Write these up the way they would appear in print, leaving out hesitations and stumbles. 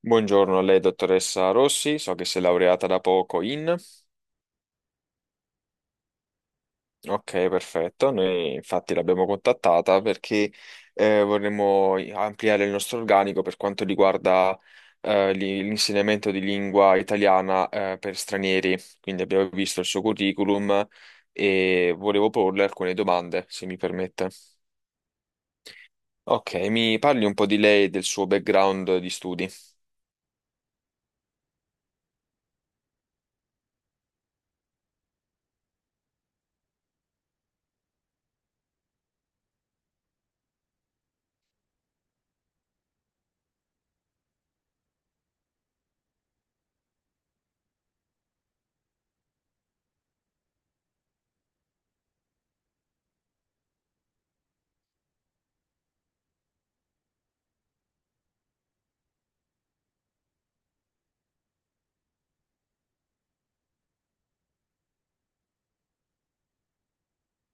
Buongiorno a lei, dottoressa Rossi, so che si è laureata da poco in. Ok, perfetto, noi infatti l'abbiamo contattata perché vorremmo ampliare il nostro organico per quanto riguarda l'insegnamento di lingua italiana per stranieri, quindi abbiamo visto il suo curriculum e volevo porle alcune domande, se mi permette. Ok, mi parli un po' di lei e del suo background di studi.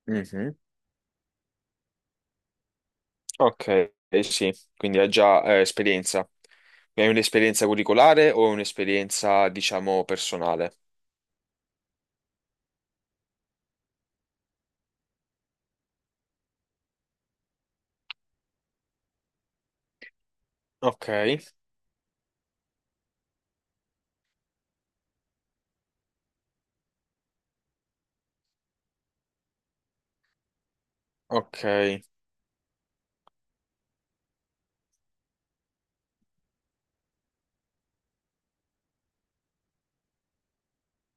Mhm. Ok, eh sì, quindi hai già esperienza. Hai un'esperienza curricolare o un'esperienza, diciamo, personale? Ok, ok.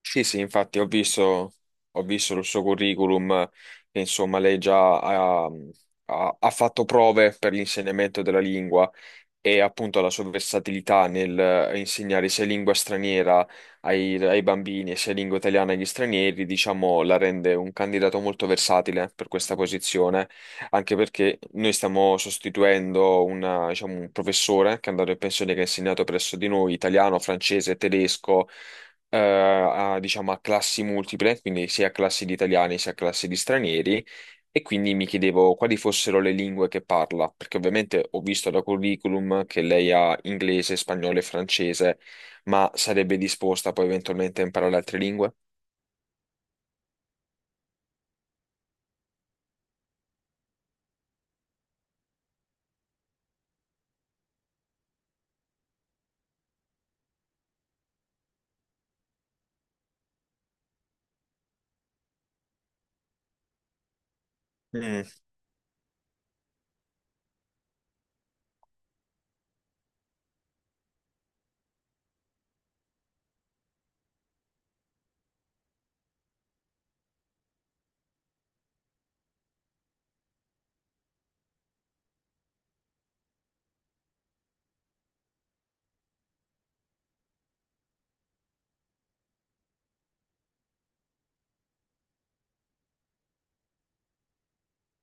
Sì, sì, infatti ho visto il suo curriculum, che insomma lei già ha fatto prove per l'insegnamento della lingua e appunto la sua versatilità nel insegnare sia lingua straniera ai bambini e sia lingua italiana agli stranieri, diciamo, la rende un candidato molto versatile per questa posizione, anche perché noi stiamo sostituendo diciamo, un professore che è andato in pensione, che ha insegnato presso di noi italiano, francese, tedesco. A, diciamo, a classi multiple, quindi sia a classi di italiani sia a classi di stranieri, e quindi mi chiedevo quali fossero le lingue che parla, perché ovviamente ho visto da curriculum che lei ha inglese, spagnolo e francese, ma sarebbe disposta poi eventualmente a imparare altre lingue? Mm,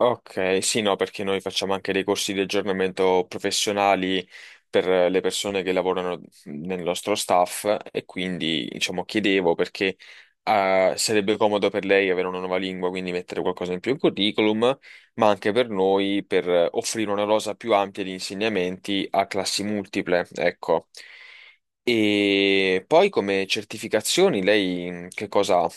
ok, sì, no, perché noi facciamo anche dei corsi di aggiornamento professionali per le persone che lavorano nel nostro staff e quindi, diciamo, chiedevo perché sarebbe comodo per lei avere una nuova lingua, quindi mettere qualcosa in più in curriculum, ma anche per noi per offrire una rosa più ampia di insegnamenti a classi multiple, ecco. E poi come certificazioni lei che cosa ha?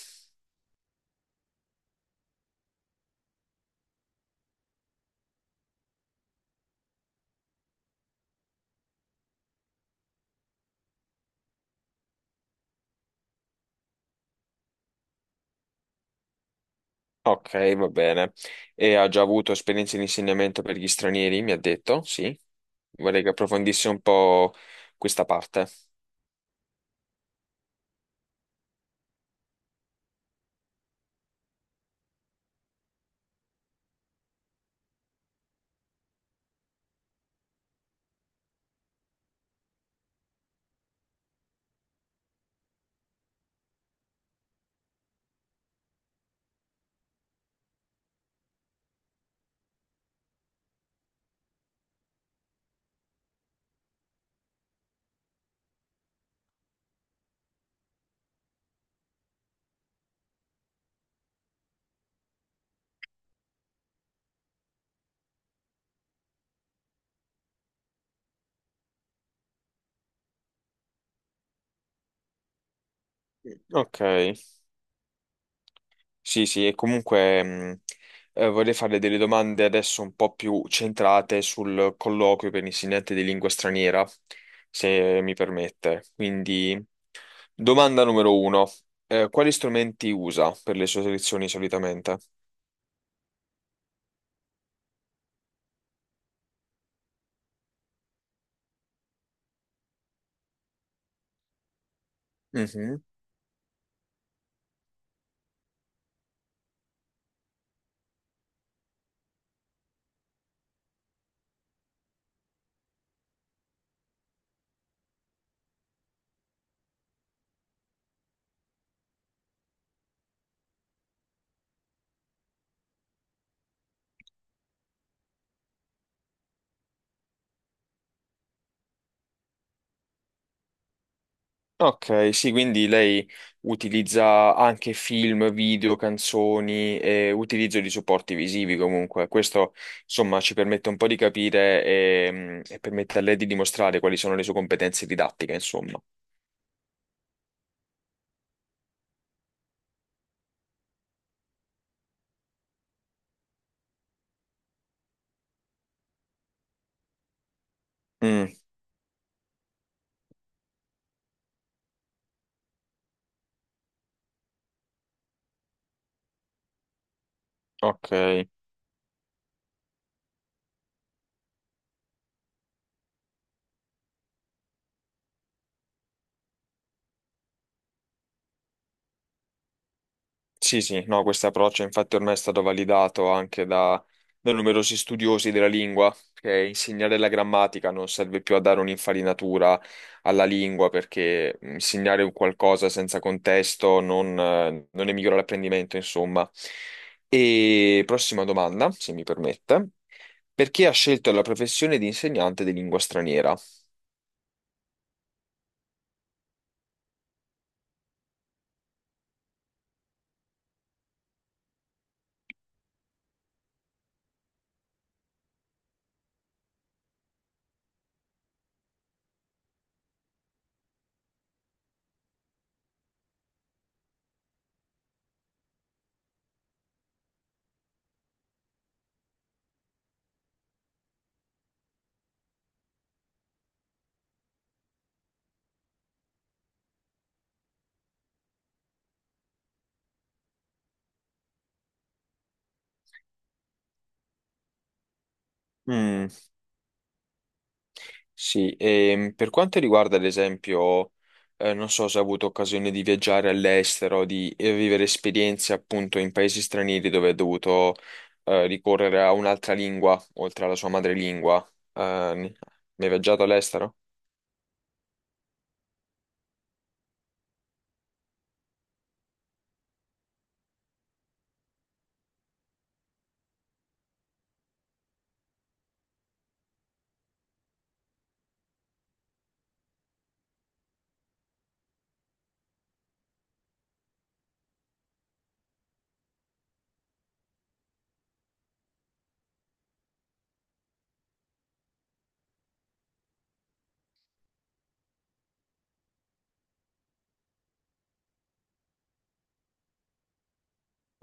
Ok, va bene. E ha già avuto esperienze di insegnamento per gli stranieri, mi ha detto, sì. Vorrei che approfondisse un po' questa parte. Ok. Sì, sì, e comunque vorrei farle delle domande adesso un po' più centrate sul colloquio per insegnante di lingua straniera, se mi permette. Quindi, domanda numero uno, quali strumenti usa per le sue lezioni solitamente? Ok, sì, quindi lei utilizza anche film, video, canzoni e utilizzo di supporti visivi comunque. Questo, insomma, ci permette un po' di capire permette a lei di dimostrare quali sono le sue competenze didattiche, insomma. Mm, ok. Sì, sì, no, questo approccio infatti ormai è stato validato anche da numerosi studiosi della lingua, che insegnare la grammatica non serve più a dare un'infarinatura alla lingua, perché insegnare un qualcosa senza contesto non ne migliora l'apprendimento, insomma. E prossima domanda, se mi permette. Perché ha scelto la professione di insegnante di lingua straniera? Mm. Sì, e per quanto riguarda ad esempio, non so se ha avuto occasione di viaggiare all'estero, di vivere esperienze appunto in paesi stranieri dove ha dovuto ricorrere a un'altra lingua, oltre alla sua madrelingua. Eh, ne- ne hai viaggiato all'estero?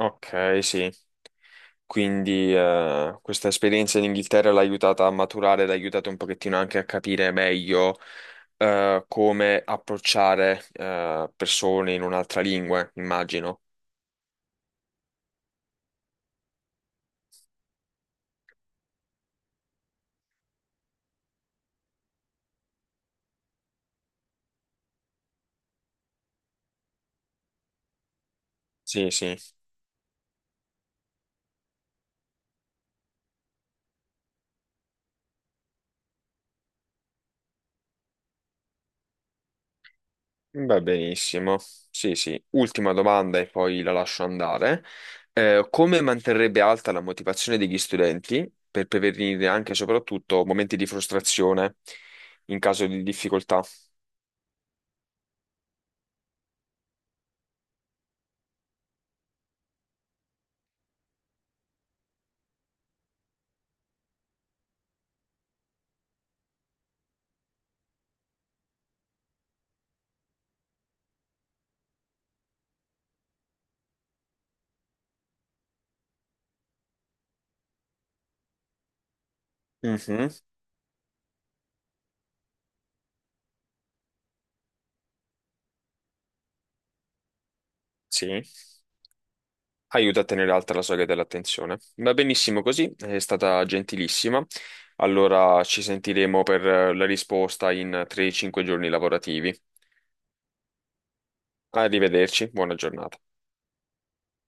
Ok, sì. Quindi questa esperienza in Inghilterra l'ha aiutata a maturare, l'ha aiutata un pochettino anche a capire meglio come approcciare persone in un'altra lingua, immagino. Sì, sì. Va benissimo. Sì, sì. Ultima domanda e poi la lascio andare. Come manterrebbe alta la motivazione degli studenti per prevenire anche e soprattutto momenti di frustrazione in caso di difficoltà? Mhm. Sì. Aiuta a tenere alta la soglia dell'attenzione. Va benissimo così, è stata gentilissima. Allora ci sentiremo per la risposta in 3-5 giorni lavorativi. Arrivederci, buona giornata.